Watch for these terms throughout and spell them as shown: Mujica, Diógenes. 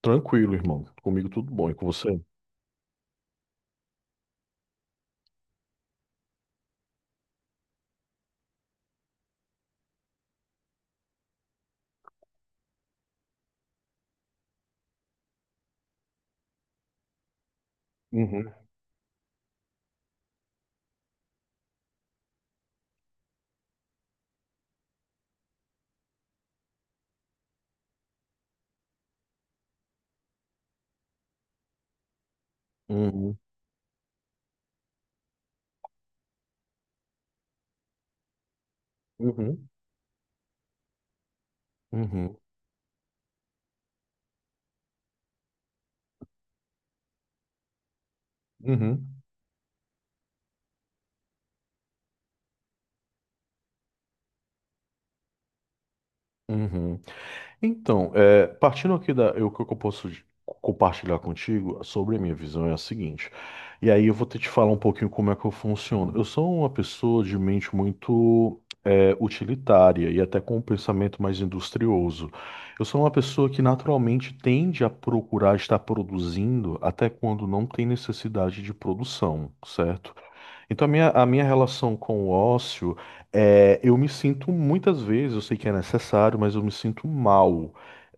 Tranquilo, irmão. Comigo tudo bom. E com você? Uhum, uhum, uhum, uhum, uhum, uhum. Então, partindo aqui o que eu posso compartilhar contigo sobre a minha visão é a seguinte. E aí eu vou ter que te falar um pouquinho como é que eu funciono. Eu sou uma pessoa de mente muito utilitária e até com um pensamento mais industrioso. Eu sou uma pessoa que naturalmente tende a procurar estar produzindo até quando não tem necessidade de produção, certo? Então, a minha relação com o ócio eu me sinto muitas vezes, eu sei que é necessário, mas eu me sinto mal,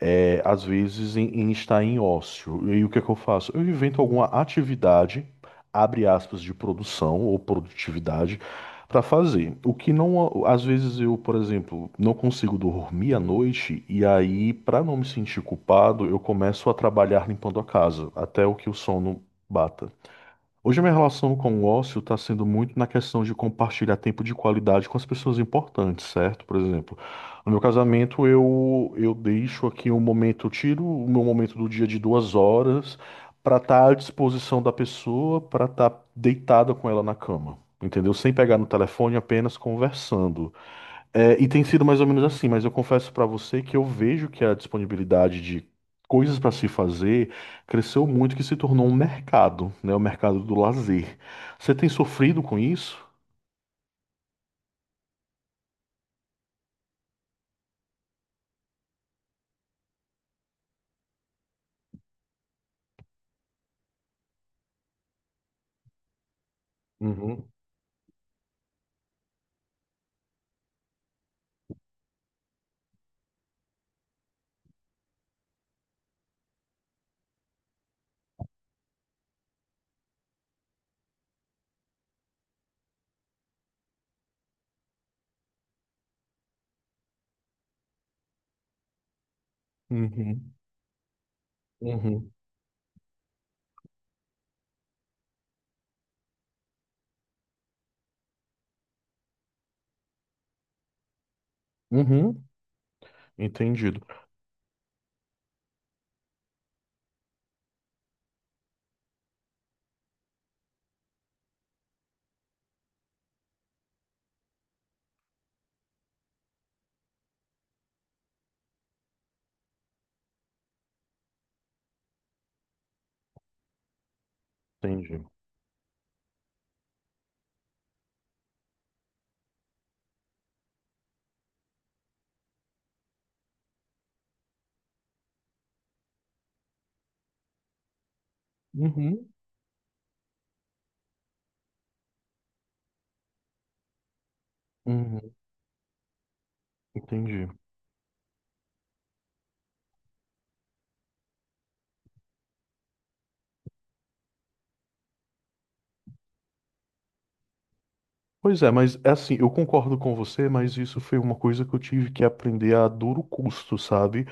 às vezes, em estar em ócio. E aí, o que é que eu faço? Eu invento alguma atividade, abre aspas, de produção ou produtividade, para fazer. O que não, às vezes, eu, por exemplo, não consigo dormir à noite, e aí, para não me sentir culpado, eu começo a trabalhar limpando a casa, até o que o sono bata. Hoje a minha relação com o ócio está sendo muito na questão de compartilhar tempo de qualidade com as pessoas importantes, certo? Por exemplo, no meu casamento eu deixo aqui um momento, eu tiro o meu momento do dia de 2 horas para estar à disposição da pessoa, para estar deitada com ela na cama, entendeu? Sem pegar no telefone, apenas conversando. É, e tem sido mais ou menos assim, mas eu confesso pra você que eu vejo que a disponibilidade de coisas pra se fazer cresceu muito, que se tornou um mercado, né? O mercado do lazer. Você tem sofrido com isso? Uhum, uhum, uhum, uhum. Entendido, entendi. Uhum, uhum, entendi. Pois é, mas é assim, eu concordo com você, mas isso foi uma coisa que eu tive que aprender a duro custo, sabe?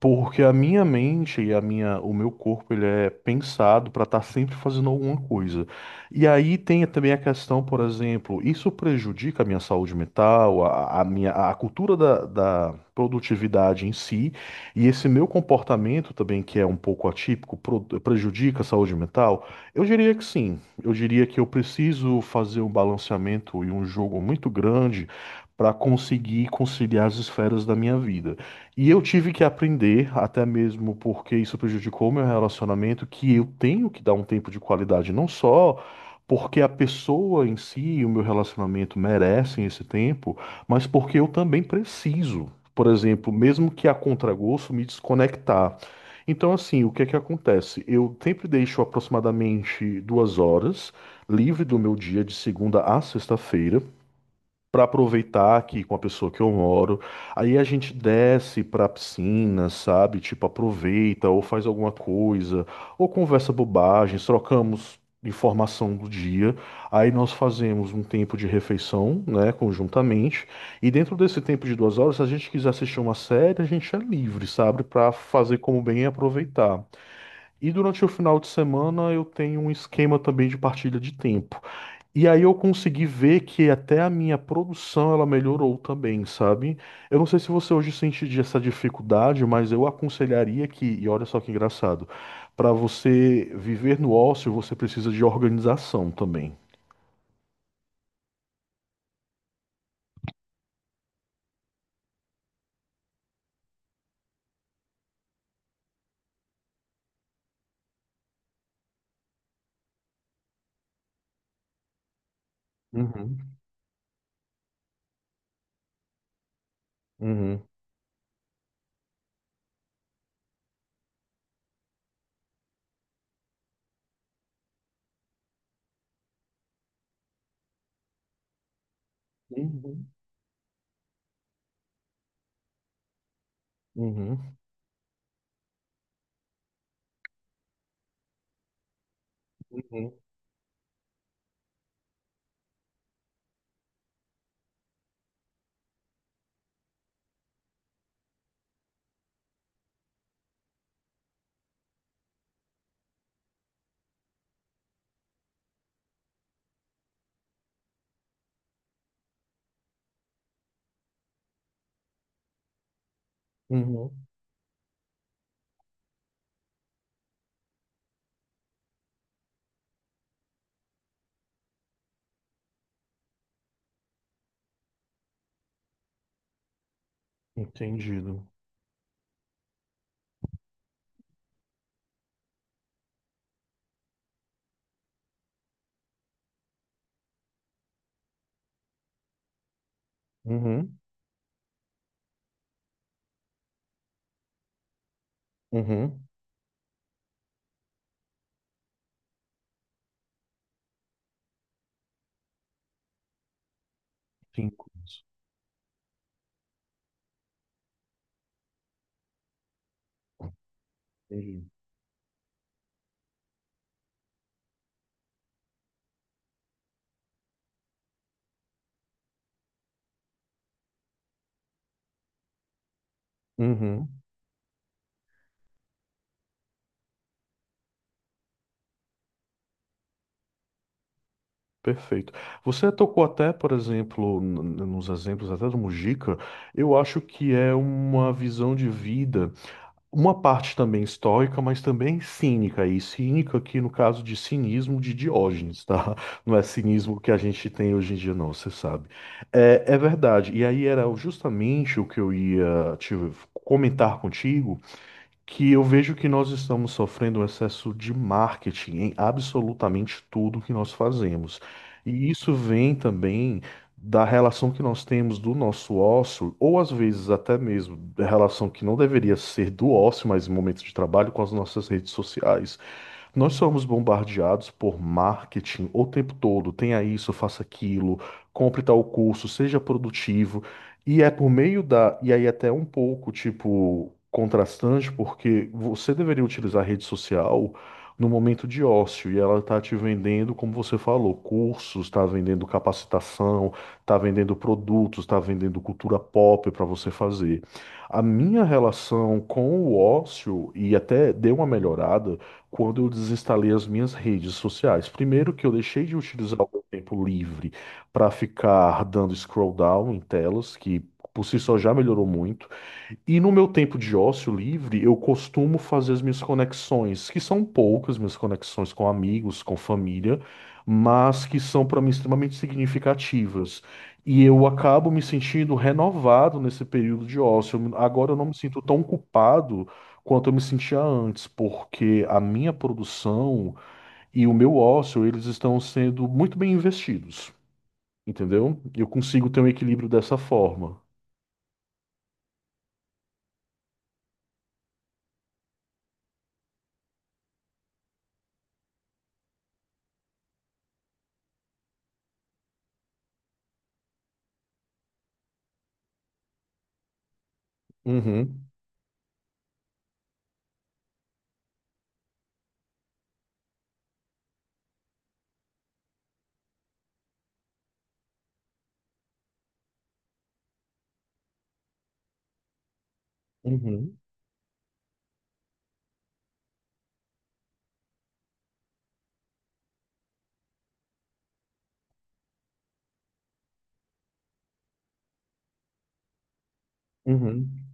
Porque a minha mente e o meu corpo, ele é pensado para estar sempre fazendo alguma coisa. E aí tem também a questão, por exemplo, isso prejudica a minha saúde mental, a cultura da produtividade em si, e esse meu comportamento também, que é um pouco atípico, prejudica a saúde mental? Eu diria que sim. Eu diria que eu preciso fazer um balanceamento e um jogo muito grande para conseguir conciliar as esferas da minha vida. E eu tive que aprender, até mesmo porque isso prejudicou meu relacionamento, que eu tenho que dar um tempo de qualidade, não só porque a pessoa em si e o meu relacionamento merecem esse tempo, mas porque eu também preciso. Por exemplo, mesmo que a contragosto me desconectar. Então, assim, o que é que acontece? Eu sempre deixo aproximadamente 2 horas livre do meu dia de segunda a sexta-feira para aproveitar aqui com a pessoa que eu moro. Aí a gente desce pra piscina, sabe? Tipo, aproveita ou faz alguma coisa, ou conversa bobagens, trocamos informação do dia. Aí nós fazemos um tempo de refeição, né, conjuntamente. E dentro desse tempo de 2 horas, se a gente quiser assistir uma série, a gente é livre, sabe? Pra fazer como bem e aproveitar. E durante o final de semana eu tenho um esquema também de partilha de tempo. E aí eu consegui ver que até a minha produção ela melhorou também, sabe? Eu não sei se você hoje sente essa dificuldade, mas eu aconselharia que, e olha só que engraçado, para você viver no ócio, você precisa de organização também. Uhum, uhum, uhum, uhum, uhum, uhum. Entendido. Uhum, uhum. Cinco. Entendido. Perfeito. Você tocou até, por exemplo, nos exemplos até do Mujica, eu acho que é uma visão de vida, uma parte também estoica, mas também cínica, e cínica aqui no caso de cinismo de Diógenes, tá? Não é cinismo que a gente tem hoje em dia, não, você sabe. É, é verdade, e aí era justamente o que eu ia te comentar contigo, que eu vejo que nós estamos sofrendo um excesso de marketing em absolutamente tudo que nós fazemos. E isso vem também da relação que nós temos do nosso ócio, ou às vezes até mesmo da relação que não deveria ser do ócio, mas em momentos de trabalho, com as nossas redes sociais. Nós somos bombardeados por marketing o tempo todo. Tenha isso, faça aquilo, compre tal curso, seja produtivo. E é por meio da. E aí, até um pouco, tipo, contrastante, porque você deveria utilizar a rede social no momento de ócio e ela está te vendendo, como você falou, cursos, está vendendo capacitação, está vendendo produtos, está vendendo cultura pop para você fazer. A minha relação com o ócio, e até deu uma melhorada quando eu desinstalei as minhas redes sociais. Primeiro que eu deixei de utilizar o meu tempo livre para ficar dando scroll down em telas, que por si só já melhorou muito. E no meu tempo de ócio livre, eu costumo fazer as minhas conexões, que são poucas, minhas conexões com amigos, com família, mas que são para mim extremamente significativas. E eu acabo me sentindo renovado nesse período de ócio. Agora eu não me sinto tão culpado quanto eu me sentia antes, porque a minha produção e o meu ócio, eles estão sendo muito bem investidos, entendeu? Eu consigo ter um equilíbrio dessa forma. Uhum, uhum, uhum.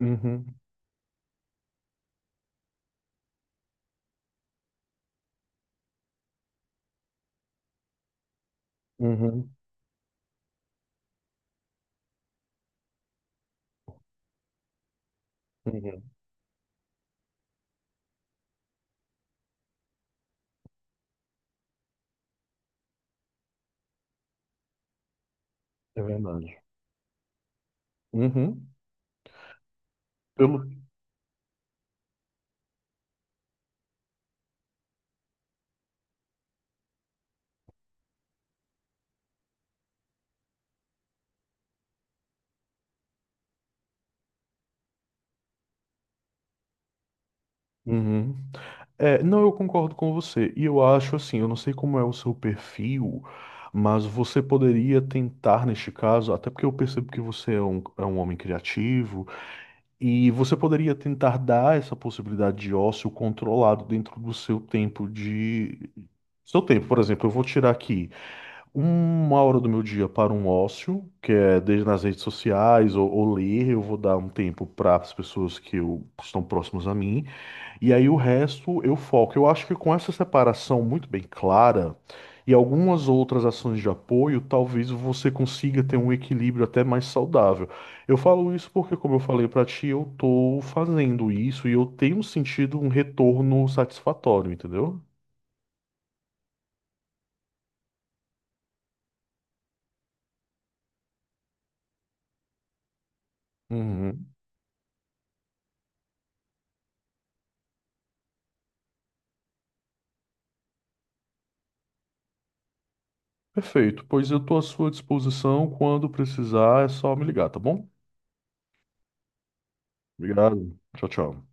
Uhum, uhum, uhum. É verdade. Uhum. Pelo... Uhum. É, não, eu concordo com você. E eu acho assim, eu não sei como é o seu perfil, mas você poderia tentar neste caso, até porque eu percebo que você é é um homem criativo, e você poderia tentar dar essa possibilidade de ócio controlado dentro do seu tempo de. Seu tempo, por exemplo, eu vou tirar aqui. 1 hora do meu dia para um ócio, que é desde nas redes sociais ou ler, eu vou dar um tempo para as pessoas que estão próximas a mim, e aí o resto eu foco. Eu acho que com essa separação muito bem clara e algumas outras ações de apoio, talvez você consiga ter um equilíbrio até mais saudável. Eu falo isso porque, como eu falei para ti, eu tô fazendo isso e eu tenho sentido um retorno satisfatório, entendeu? Uhum. Perfeito, pois eu estou à sua disposição quando precisar, é só me ligar, tá bom? Obrigado. Tchau, tchau.